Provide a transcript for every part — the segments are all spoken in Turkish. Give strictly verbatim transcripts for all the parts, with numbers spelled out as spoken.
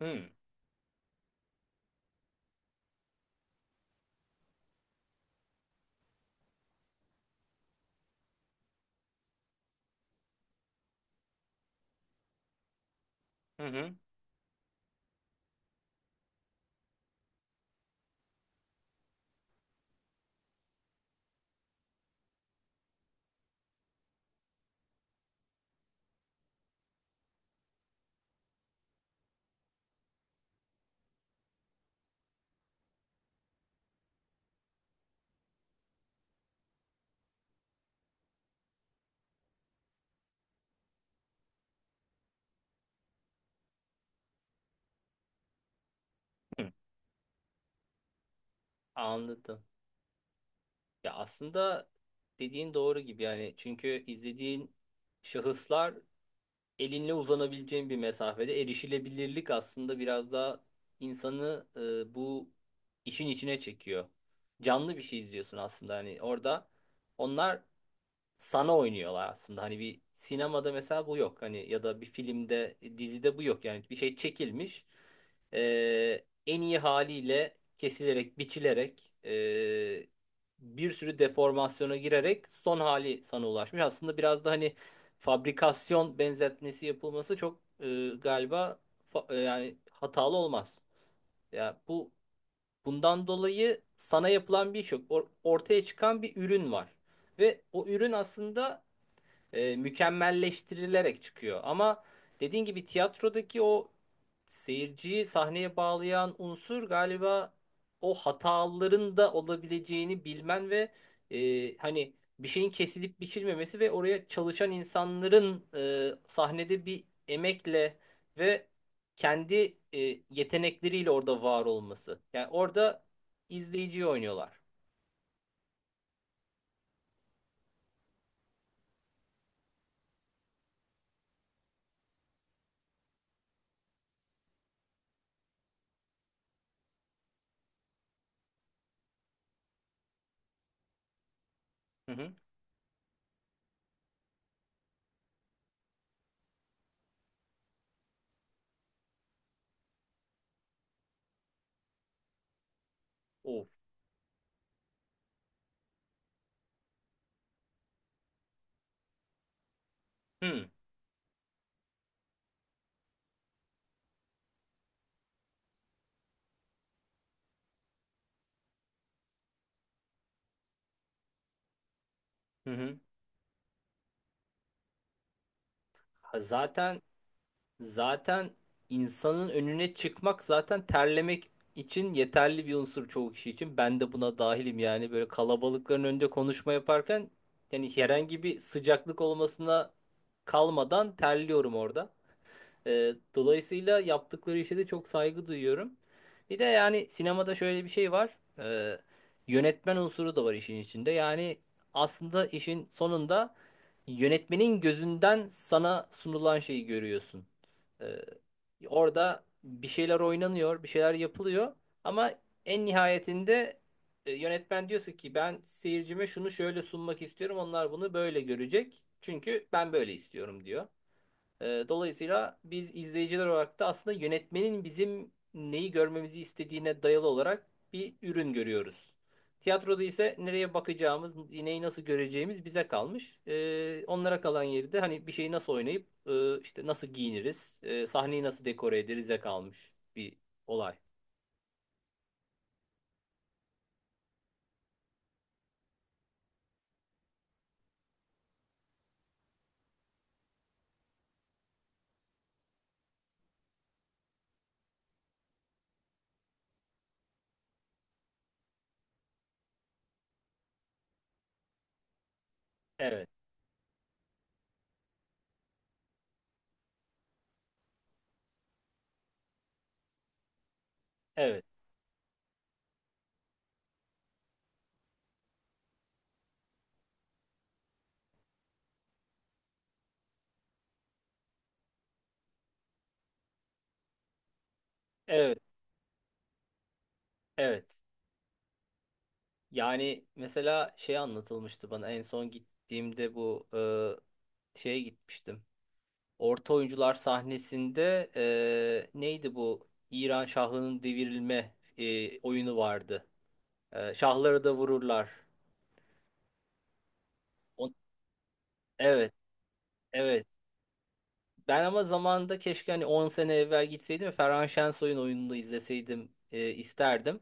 Hmm. Hı hı. Hı. Anladım. Ya aslında dediğin doğru gibi, yani çünkü izlediğin şahıslar, elinle uzanabileceğin bir mesafede erişilebilirlik aslında biraz daha insanı, e, bu işin içine çekiyor. Canlı bir şey izliyorsun aslında, hani orada onlar sana oynuyorlar aslında. Hani bir sinemada mesela bu yok. Hani ya da bir filmde, dizide bu yok. Yani bir şey çekilmiş. Ee, en iyi haliyle kesilerek, biçilerek, ee, bir sürü deformasyona girerek son hali sana ulaşmış. Aslında biraz da hani fabrikasyon benzetmesi yapılması çok, ee, galiba fa- yani hatalı olmaz. Ya bu bundan dolayı sana yapılan bir iş yok. Or- ortaya çıkan bir ürün var. Ve o ürün aslında e, mükemmelleştirilerek çıkıyor. Ama dediğin gibi tiyatrodaki o seyirciyi sahneye bağlayan unsur galiba o hataların da olabileceğini bilmen ve e, hani bir şeyin kesilip biçilmemesi ve oraya çalışan insanların e, sahnede bir emekle ve kendi e, yetenekleriyle orada var olması. Yani orada izleyiciyi oynuyorlar. Hı hı. Of. Hı hı. Hı. Ha, Zaten Zaten insanın önüne çıkmak zaten terlemek için yeterli bir unsur çoğu kişi için. Ben de buna dahilim, yani böyle kalabalıkların önünde konuşma yaparken yani herhangi bir sıcaklık olmasına kalmadan terliyorum orada. Ee, dolayısıyla yaptıkları işe de çok saygı duyuyorum. Bir de yani sinemada şöyle bir şey var. Ee, yönetmen unsuru da var işin içinde. Yani aslında işin sonunda yönetmenin gözünden sana sunulan şeyi görüyorsun. Ee, Orada bir şeyler oynanıyor, bir şeyler yapılıyor. Ama en nihayetinde e, yönetmen diyorsa ki ben seyircime şunu şöyle sunmak istiyorum. Onlar bunu böyle görecek. Çünkü ben böyle istiyorum diyor. Ee, dolayısıyla biz izleyiciler olarak da aslında yönetmenin bizim neyi görmemizi istediğine dayalı olarak bir ürün görüyoruz. Tiyatroda ise nereye bakacağımız, neyi nasıl göreceğimiz bize kalmış. Ee, onlara kalan yeri de hani bir şeyi nasıl oynayıp e, işte nasıl giyiniriz, e, sahneyi nasıl dekore ederize kalmış bir olay. Evet, evet, evet, evet. Yani mesela şey anlatılmıştı bana en son gittiğimde bu, e, şeye gitmiştim. Orta oyuncular sahnesinde, eee, neydi bu? İran şahının devirilme, eee, oyunu vardı. Eee, şahları da vururlar. O- evet, evet. Ben ama zamanında keşke hani on sene evvel gitseydim ve Ferhan Şensoy'un oyununu izleseydim eee, isterdim.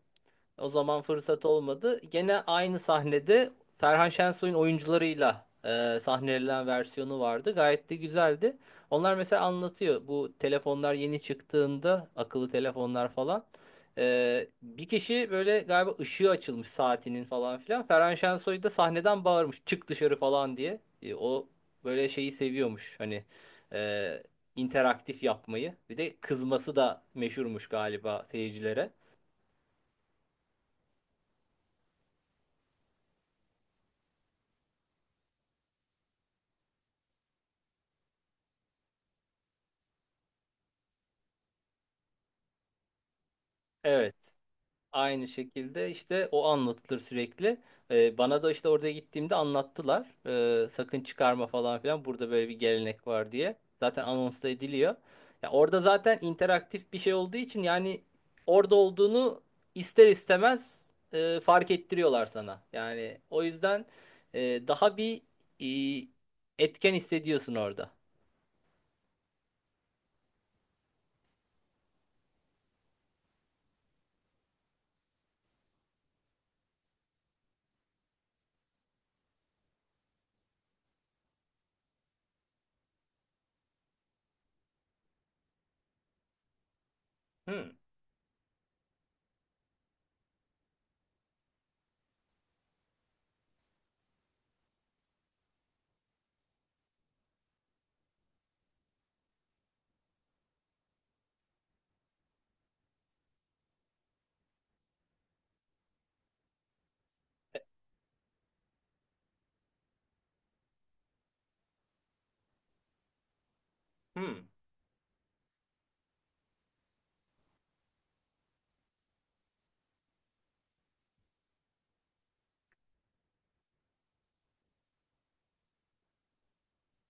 O zaman fırsat olmadı. Gene aynı sahnede Ferhan Şensoy'un oyuncularıyla e, sahnelenen versiyonu vardı. Gayet de güzeldi. Onlar mesela anlatıyor. Bu telefonlar yeni çıktığında akıllı telefonlar falan. E, bir kişi böyle galiba ışığı açılmış saatinin falan filan. Ferhan Şensoy da sahneden bağırmış. Çık dışarı falan diye. E, o böyle şeyi seviyormuş. Hani e, interaktif yapmayı. Bir de kızması da meşhurmuş galiba seyircilere. Evet. Aynı şekilde işte o anlatılır sürekli. Ee, bana da işte orada gittiğimde anlattılar. Ee, sakın çıkarma falan filan. Burada böyle bir gelenek var diye. Zaten anons da ediliyor. Ya orada zaten interaktif bir şey olduğu için yani orada olduğunu ister istemez e, fark ettiriyorlar sana. Yani o yüzden e, daha bir e, etken hissediyorsun orada. Hmm. Hmm.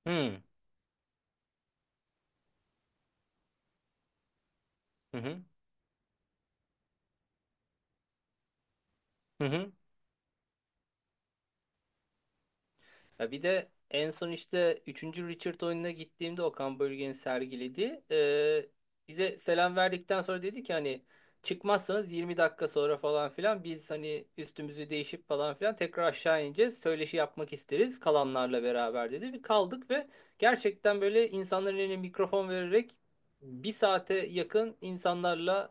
Hmm. Hı hı. Hı hı. Ya bir de en son işte üçüncü Richard oyununa gittiğimde Okan Bölge'nin sergilediği, e, bize selam verdikten sonra dedi ki hani çıkmazsanız yirmi dakika sonra falan filan biz hani üstümüzü değişip falan filan tekrar aşağı ineceğiz. Söyleşi yapmak isteriz kalanlarla beraber dedi. Bir kaldık ve gerçekten böyle insanların eline mikrofon vererek bir saate yakın insanlarla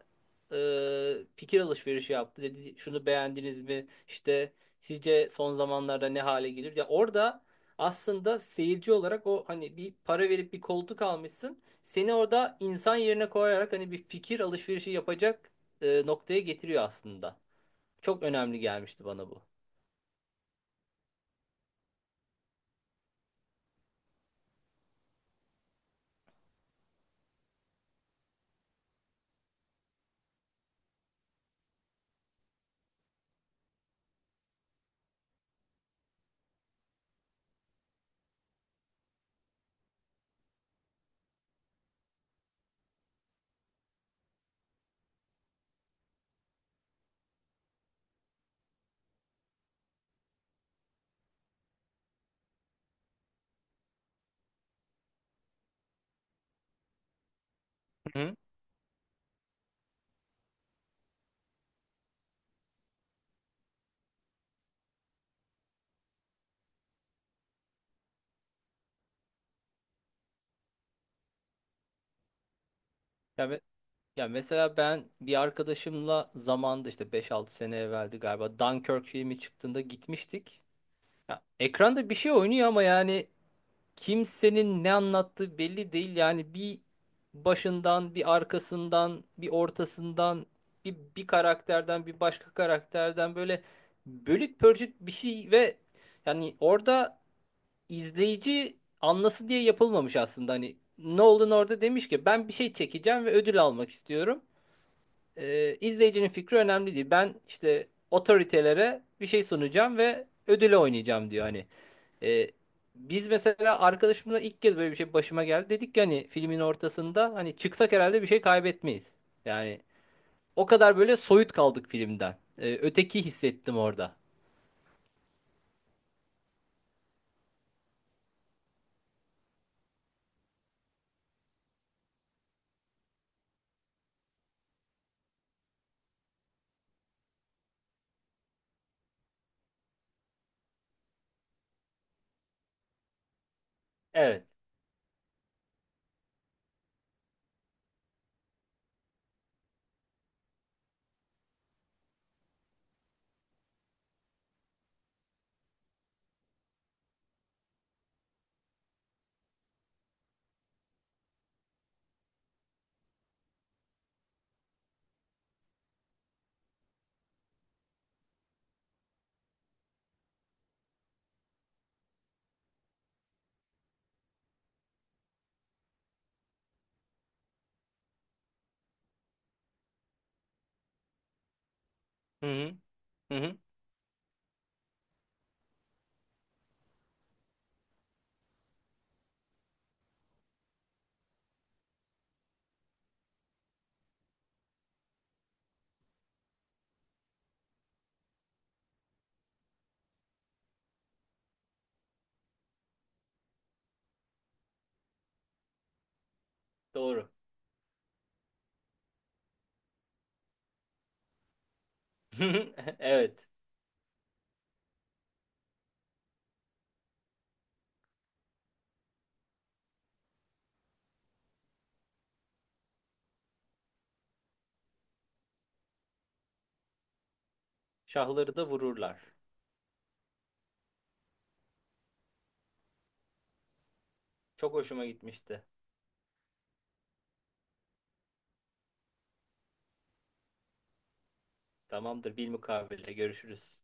e, fikir alışverişi yaptı. Dedi şunu beğendiniz mi? İşte sizce son zamanlarda ne hale gelir? Ya orada aslında seyirci olarak o hani bir para verip bir koltuk almışsın. Seni orada insan yerine koyarak hani bir fikir alışverişi yapacak e, noktaya getiriyor aslında. Çok önemli gelmişti bana bu. Hı? Ya, me- ya mesela ben bir arkadaşımla zamanda işte beş altı sene evveldi galiba Dunkirk filmi çıktığında gitmiştik. Ya, ekranda bir şey oynuyor ama yani kimsenin ne anlattığı belli değil. Yani bir başından, bir arkasından, bir ortasından, bir, bir karakterden, bir başka karakterden böyle bölük pörçük bir şey ve yani orada izleyici anlasın diye yapılmamış aslında. Hani Nolan orada demiş ki ben bir şey çekeceğim ve ödül almak istiyorum. Ee, izleyicinin fikri önemli değil. Ben işte otoritelere bir şey sunacağım ve ödüle oynayacağım diyor hani. E, Biz mesela arkadaşımla ilk kez böyle bir şey başıma geldi. Dedik ki hani filmin ortasında hani çıksak herhalde bir şey kaybetmeyiz. Yani o kadar böyle soyut kaldık filmden. E, öteki hissettim orada. Evet. Hı hı. Hı hı. Doğru. Evet. Şahları da vururlar. Çok hoşuma gitmişti. Tamamdır, bilmukabele görüşürüz.